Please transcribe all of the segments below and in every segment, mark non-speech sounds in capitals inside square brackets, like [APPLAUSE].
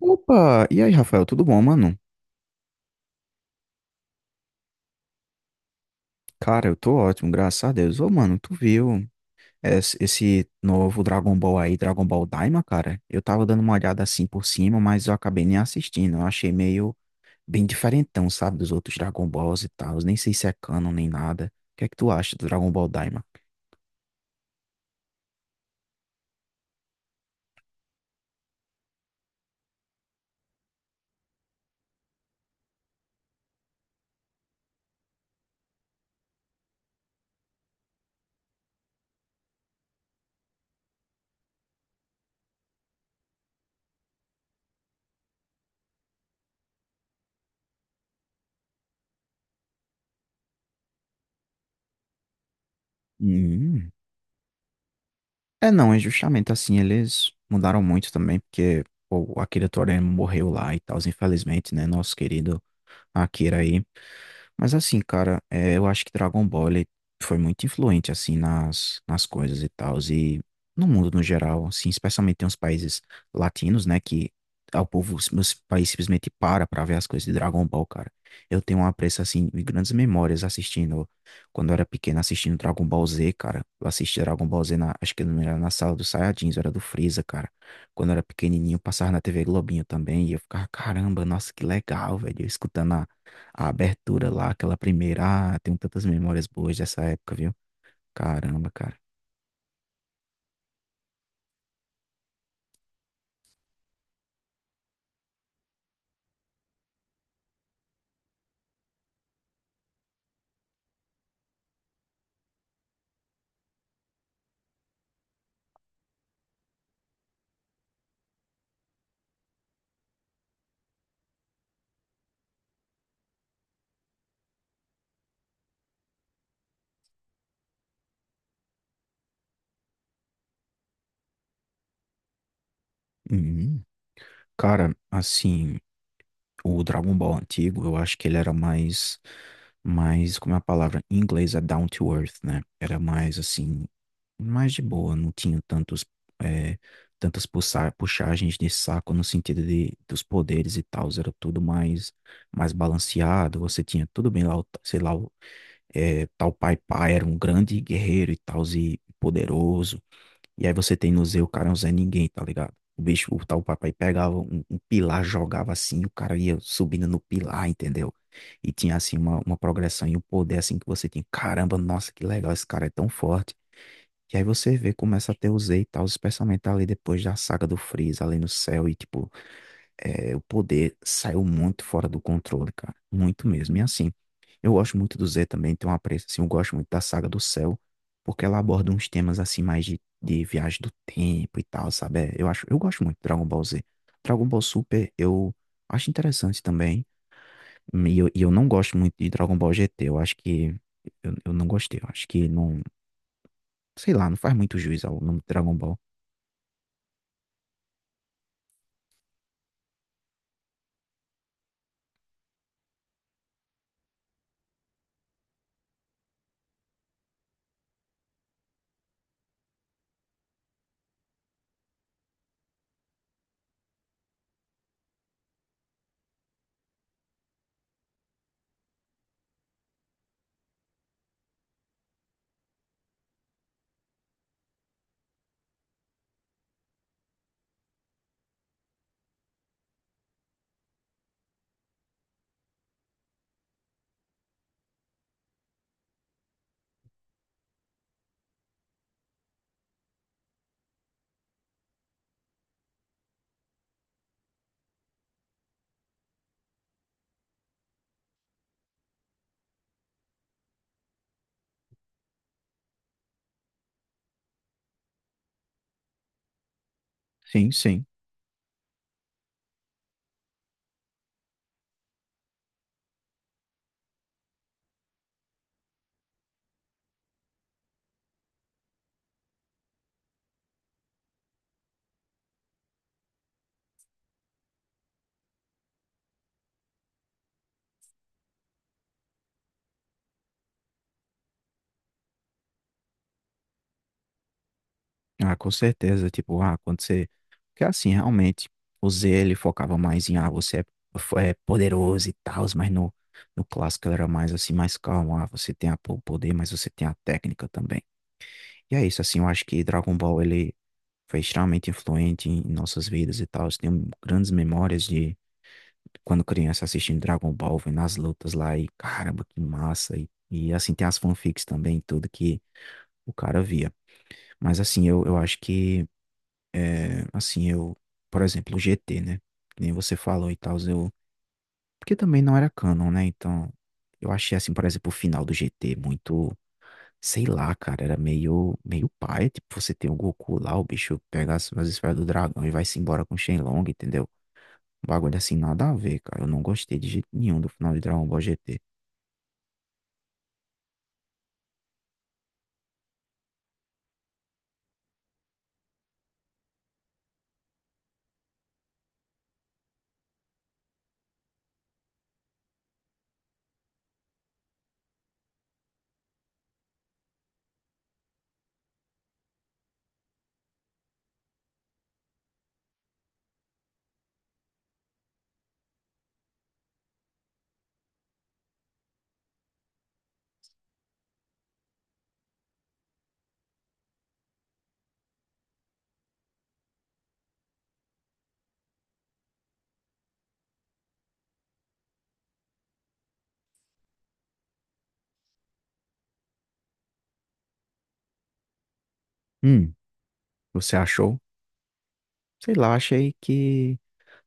Opa! E aí, Rafael, tudo bom, mano? Cara, eu tô ótimo, graças a Deus. Ô, mano, tu viu esse novo Dragon Ball aí, Dragon Ball Daima, cara? Eu tava dando uma olhada assim por cima, mas eu acabei nem assistindo. Eu achei meio bem diferentão, sabe, dos outros Dragon Balls e tal. Nem sei se é canon nem nada. O que é que tu acha do Dragon Ball Daima? Hum. É, não, é justamente assim, eles mudaram muito também, porque pô, o Akira Toriyama morreu lá e tal, infelizmente, né? Nosso querido Akira aí. Mas assim, cara, eu acho que Dragon Ball ele foi muito influente, assim, nas coisas e tal, e no mundo no geral, assim, especialmente em uns países latinos, né, que ah, o povo, os país simplesmente para pra ver as coisas de Dragon Ball, cara. Eu tenho um apreço, assim, e grandes memórias assistindo, quando eu era pequeno, assistindo Dragon Ball Z, cara. Eu assisti Dragon Ball Z, na, acho que não era na sala dos Saiyajins, era do Freeza, cara. Quando eu era pequenininho, passava na TV Globinho também, e eu ficava, caramba, nossa, que legal, velho, eu escutando a abertura lá, aquela primeira. Ah, tenho tantas memórias boas dessa época, viu? Caramba, cara. Uhum. Cara, assim, o Dragon Ball antigo, eu acho que ele era mais, como é a palavra em inglês é down to earth, né? Era mais assim, mais de boa, não tinha tantos, é, tantas puxagens de saco no sentido de, dos poderes e tal, era tudo mais, mais balanceado, você tinha tudo bem lá, sei lá, é, tal Pai Pai era um grande guerreiro e tal, e poderoso. E aí você tem no Z, o cara é um Zé Ninguém, tá ligado? O bicho, o tal Pai Pai pegava um pilar, jogava assim, o cara ia subindo no pilar, entendeu? E tinha assim uma progressão e um poder assim que você tinha, caramba, nossa, que legal, esse cara é tão forte. E aí você vê, começa a ter o Z e tal, especialmente ali depois da saga do Freeza, ali no céu, e tipo, o poder saiu muito fora do controle, cara. Muito mesmo. E assim, eu gosto muito do Z também, tem um apreço, assim, eu gosto muito da saga do Céu, porque ela aborda uns temas, assim, mais de viagem do tempo e tal, sabe? É, eu acho, eu gosto muito de Dragon Ball Z. Dragon Ball Super, eu acho interessante também, e eu não gosto muito de Dragon Ball GT, eu acho que, eu não gostei, eu acho que não, sei lá, não faz muito juiz ao nome Dragon Ball. Sim, sim. Ah, com certeza, tipo, ah, quando você... Porque assim, realmente, o Z, ele focava mais em, ah, você é poderoso e tal, mas no, no clássico ele era mais assim, mais calmo, ah, você tem o poder, mas você tem a técnica também. E é isso, assim, eu acho que Dragon Ball, ele foi extremamente influente em nossas vidas e tal, eu tenho grandes memórias de quando criança assistindo Dragon Ball, vendo as lutas lá e, caramba, que massa, e assim, tem as fanfics também, tudo que o cara via. Mas assim, eu acho que é, assim, eu, por exemplo, o GT, né? Que nem você falou e tal, eu. Porque também não era canon, né? Então, eu achei, assim, por exemplo, o final do GT muito. Sei lá, cara, era meio, meio paia. Tipo, você tem o Goku lá, o bicho pega as esferas do dragão e vai-se embora com o Shenlong, entendeu? Um bagulho assim, nada a ver, cara. Eu não gostei de jeito nenhum do final de Dragon Ball GT. Hum, você achou? Sei lá, achei que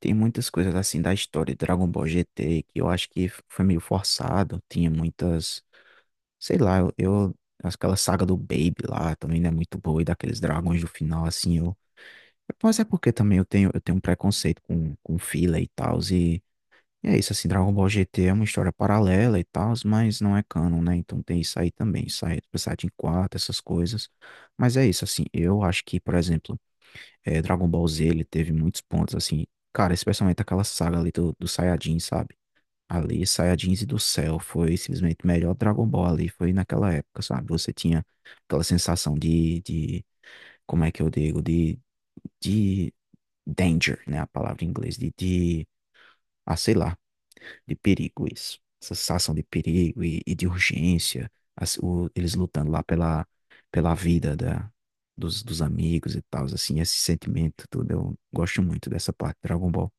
tem muitas coisas assim da história de Dragon Ball GT que eu acho que foi meio forçado. Tinha muitas sei lá, aquela saga do Baby lá também não é muito boa, e daqueles dragões do final, assim, eu. Mas é porque também eu tenho um preconceito com filler e tal, e é isso, assim, Dragon Ball GT é uma história paralela e tal, mas não é canon, né? Então tem isso aí também, isso aí, tipo, Saiyajin 4 essas coisas. Mas é isso, assim, eu acho que, por exemplo, Dragon Ball Z, ele teve muitos pontos, assim, cara, especialmente aquela saga ali do Saiyajin, sabe? Ali, Saiyajins e do Céu foi simplesmente o melhor Dragon Ball ali, foi naquela época, sabe? Você tinha aquela sensação de como é que eu digo, de danger, né? A palavra em inglês, ah, sei lá, de perigo isso. Essa sensação de perigo e de urgência, eles lutando lá pela, pela vida da, dos amigos e tal, assim, esse sentimento tudo, eu gosto muito dessa parte de Dragon Ball.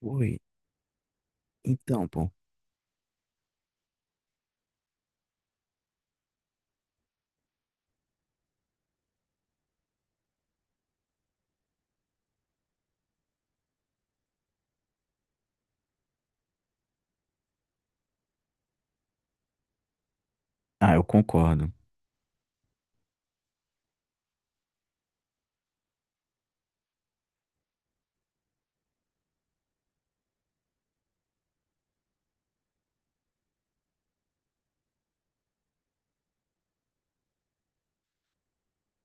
Oi, então, pô, ah, eu concordo.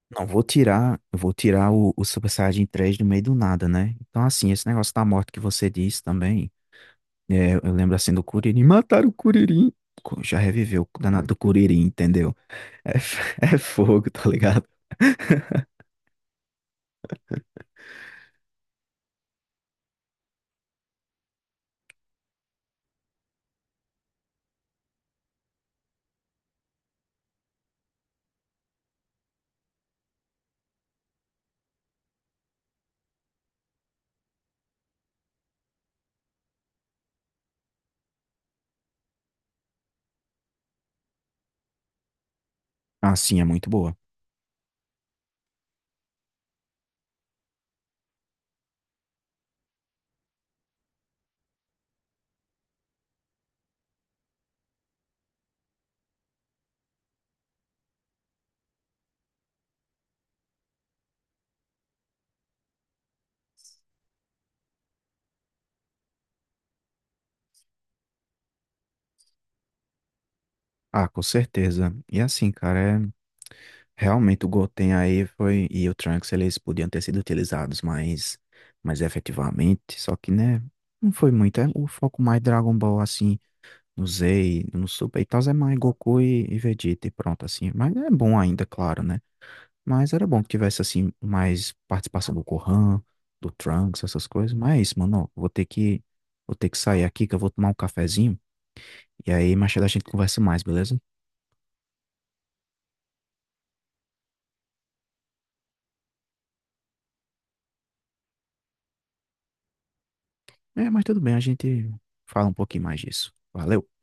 Não, vou tirar, eu vou tirar o Super Saiyajin 3 do meio do nada, né? Então, assim, esse negócio da morte que você disse também, é, eu lembro assim do Kuririn, mataram o Kuririn, já reviveu o danado do Kuririn, entendeu? É, [LAUGHS] é fogo, tá ligado? Assim, é muito boa. Ah, com certeza. E assim, cara, é, realmente o Goten aí foi, e o Trunks, eles podiam ter sido utilizados mais, mais efetivamente, só que, né, não foi muito, é o foco mais Dragon Ball, assim, no Usei no Super e tal, é mais Goku e Vegeta e pronto, assim. Mas é bom ainda, claro, né? Mas era bom que tivesse, assim, mais participação do Gohan, do Trunks, essas coisas. Mas é isso, mano. Ó, vou ter que sair aqui, que eu vou tomar um cafezinho. E aí, mais tarde a gente conversa mais, beleza? É, mas tudo bem, a gente fala um pouquinho mais disso. Valeu!